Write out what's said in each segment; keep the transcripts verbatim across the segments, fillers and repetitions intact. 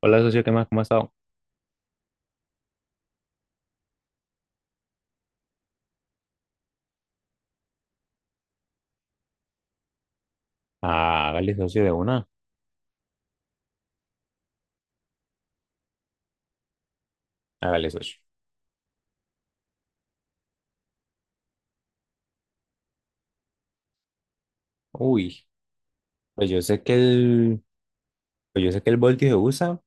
Hola, socio, ¿qué más? ¿Cómo ha estado? Ah, hágale socio de una, hágale socio. Uy, pues yo sé que el, pues yo sé que el voltio se usa,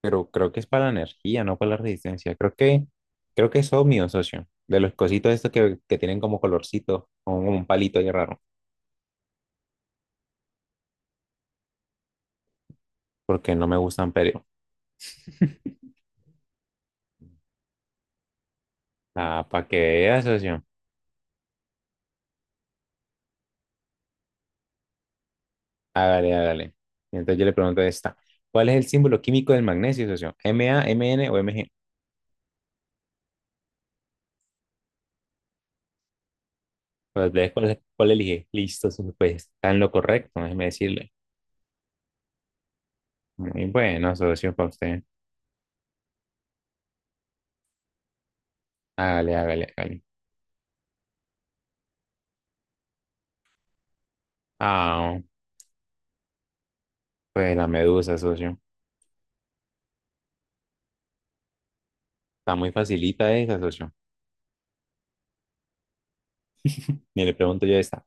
pero creo que es para la energía, no para la resistencia. Creo que, creo que es ohmio, socio. De los cositos estos que, que tienen como colorcito, como un palito ahí raro, porque no me gustan, pero. Ah, para que vea, socio. Hágale, hágale. Y entonces yo le pregunto esta. ¿Cuál es el símbolo químico del magnesio, socio? ¿M A, M N o M G? Pues, ¿cuál, cuál elige? Listo, socio, pues está en lo correcto, déjeme decirle. Y bueno, socio, para usted. Hágale, hágale, hágale. Ah, pues la medusa, socio. Está muy facilita esa, socio. Ni le pregunto yo esta.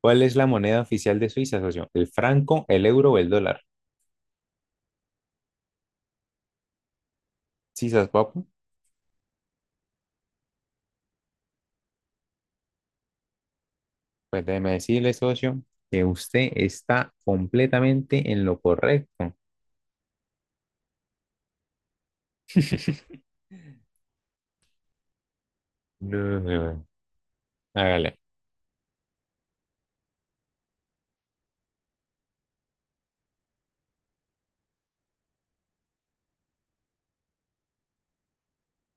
¿Cuál es la moneda oficial de Suiza, socio? ¿El franco, el euro o el dólar? Sí, sas papu. Pues déjeme decirle, socio, que usted está completamente en lo correcto. No, no, hágale.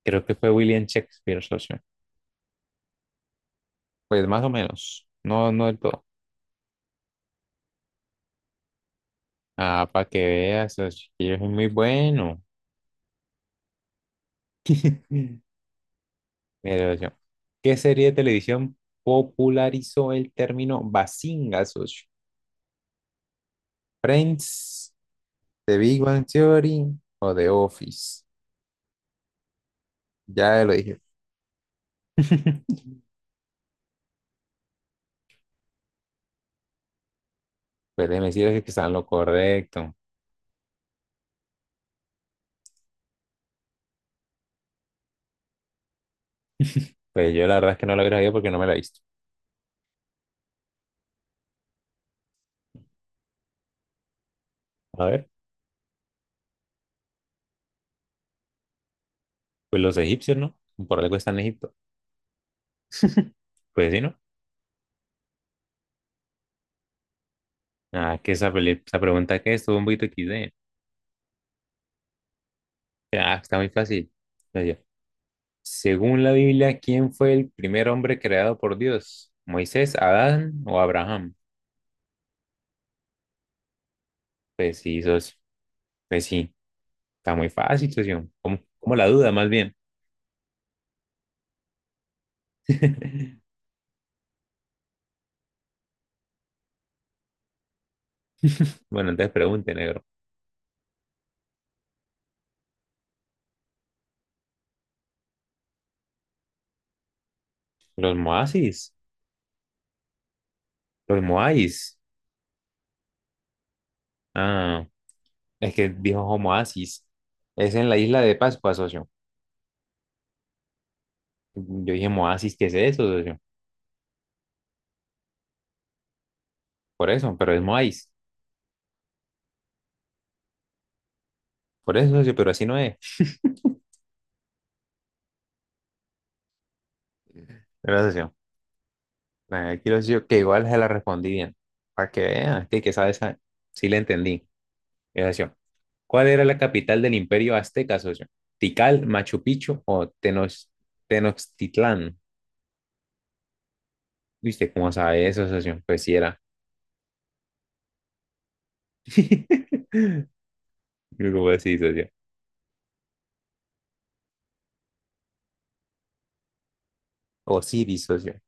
Creo que fue William Shakespeare, socio. Pues más o menos. No, no del todo. Ah, para que veas, socio, que yo soy muy bueno. Mira, yo. ¿Qué serie de televisión popularizó el término Bazinga, socio? ¿Friends, The Big Bang Theory o The Office? Ya lo dije. Pues déjeme decirles que están lo correcto. Pues yo la verdad es que no lo habría sabido porque no me la he visto. A ver, pues los egipcios, ¿no? Por algo están en Egipto. Pues sí, ¿no? Ah, que esa, peli- esa pregunta que estuvo un poquito equis de. Ah, está muy fácil. Entonces yo, Según la Biblia, ¿quién fue el primer hombre creado por Dios? ¿Moisés, Adán o Abraham? Pues sí, socio. Pues sí, está muy fácil, socio. Como, como la duda, más bien. Bueno, entonces pregunte, negro. ¿Los Moasis? ¿Los Moais? Ah, es que dijo Moasis. Es en la isla de Pascua, socio. Yo dije Moasis, ¿qué es eso, socio? Por eso, pero es Moais. Por eso, socio, pero así no es. ¿Verdad, socio? Aquí lo socio, que igual se la respondí bien. Para que vean, que, que sabe, sabe. Sí le entendí. Esa, socio. ¿Cuál era la capital del imperio azteca, socio? ¿Tikal, Machu Picchu o Tenoch- Tenochtitlán? ¿Y usted cómo sabe eso, socio? Pues sí era. ¿Cómo así, socio? Osiris, socio.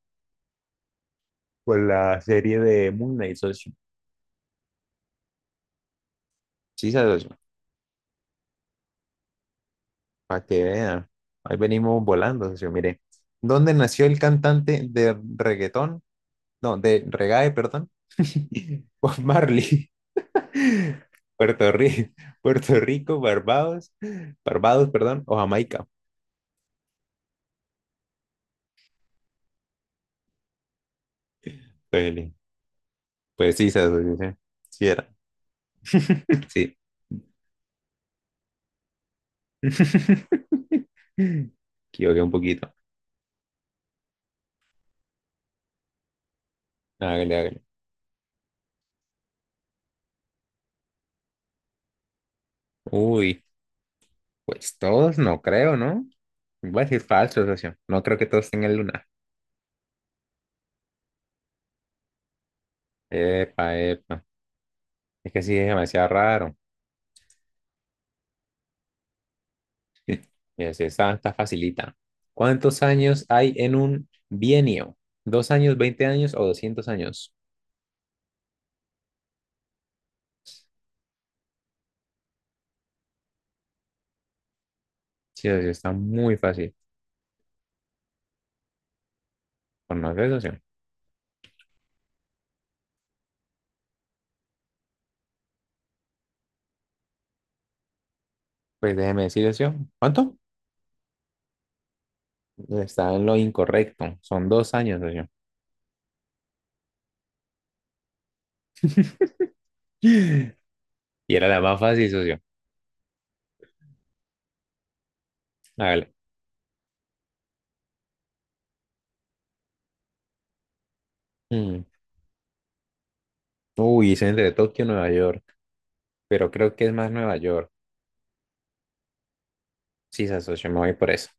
Por la serie de Moon Knight, socio. Sí, socio. Para que vea. Ahí venimos volando, socio. Mire. ¿Dónde nació el cantante de reggaetón? No, de reggae, perdón. Bob Marley. Puerto Rico, Puerto Rico, Barbados, Barbados, perdón, o Jamaica. Pues, pues sí, se dice. Sí era. Sí. Equivoqué un poquito. Hágale, hágale. Uy, pues todos no creo, ¿no? Voy a decir falso, socio. No creo que todos tengan luna. Epa, epa. Es que sí es demasiado raro. Mira, si esta está facilita. ¿Cuántos años hay en un bienio? ¿Dos años, veinte años o doscientos años? Sí, socio, está muy fácil. ¿Conoce, socio? Pues déjeme decirle, socio. ¿Cuánto? Está en lo incorrecto. Son dos años, socio. Y era la más fácil, socio. Hágale. Mm. Uy, es entre Tokio y Nueva York. Pero creo que es más Nueva York. Sí, se socio, me voy por eso.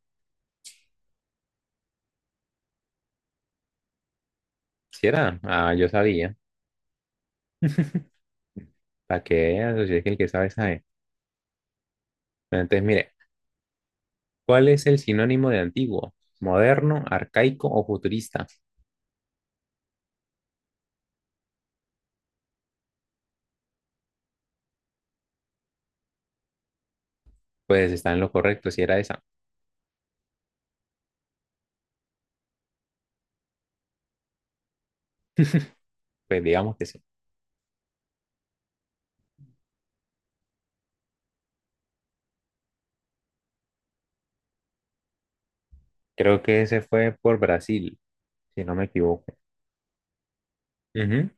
¿Sí era? Ah, yo sabía. Para que vea, socio, es que el que sabe, sabe. Entonces, mire, ¿cuál es el sinónimo de antiguo? ¿Moderno, arcaico o futurista? Pues está en lo correcto, si era esa. Pues digamos que sí. Creo que ese fue por Brasil, si no me equivoco. Ujú.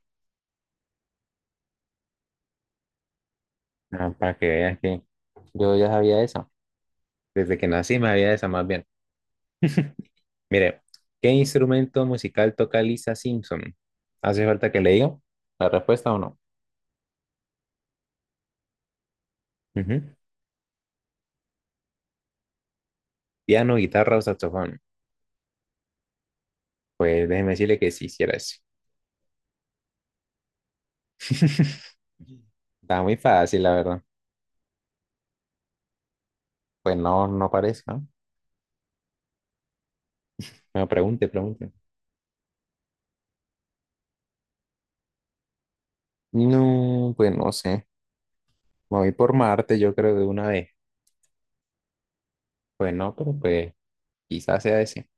Ah, para que veas que yo ya sabía eso. Desde que nací me había esa más bien. Mire, ¿qué instrumento musical toca Lisa Simpson? ¿Hace falta que le diga la respuesta o no? Ujú. ¿Piano, guitarra o saxofón? Pues déjeme decirle que sí hiciera eso. Está muy fácil, la verdad. Pues no, no parece, ¿no? Bueno, pregunte, pregunte. No, pues no sé. Me voy por Marte, yo creo, de una vez. Pues no, pero pues quizás sea ese.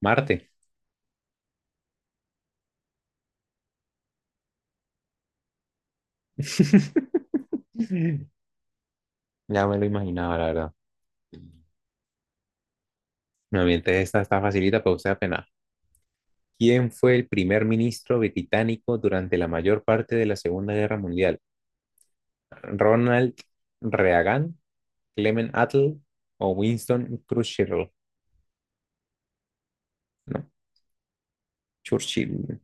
Marte. Ya me lo imaginaba, la verdad. No, mientras esta está facilita, pero usted apenas. ¿Quién fue el primer ministro británico durante la mayor parte de la Segunda Guerra Mundial? ¿Ronald Reagan, Clement Attlee o Winston Churchill? ¿No? Churchill.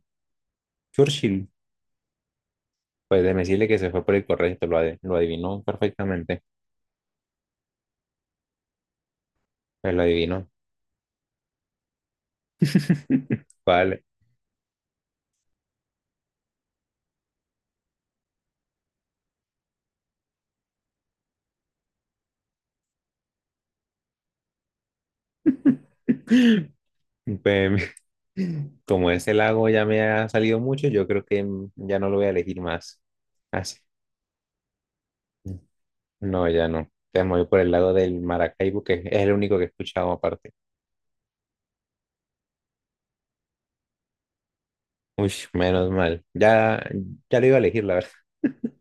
Churchill. Pues déjeme decirle que se fue por el correcto, lo, ade- lo adivinó perfectamente. Pues lo adivinó. Vale. Pues, como ese lago ya me ha salido mucho, yo creo que mm, ya no lo voy a elegir más. Así. No, ya no. Te voy por el lado del Maracaibo, que es el único que he escuchado aparte. Uy, menos mal. Ya, ya lo iba a elegir, la verdad.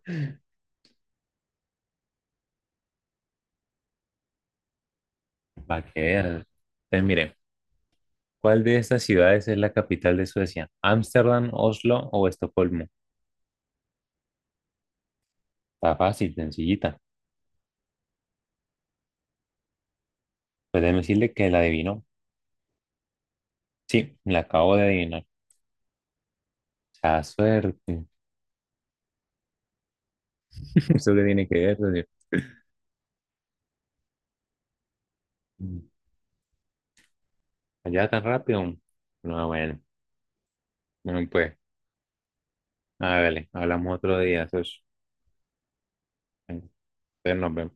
Para que veas. Entonces, mire, ¿cuál de estas ciudades es la capital de Suecia? ¿Ámsterdam, Oslo o Estocolmo? Está fácil, sencillita. Pues déjeme decirle que la adivinó. Sí, la acabo de adivinar. La suerte. ¿Eso qué tiene que ver, socio? Allá tan rápido. No, bueno, bueno, pues, hágale, hablamos otro día, socio. Entonces nos vemos.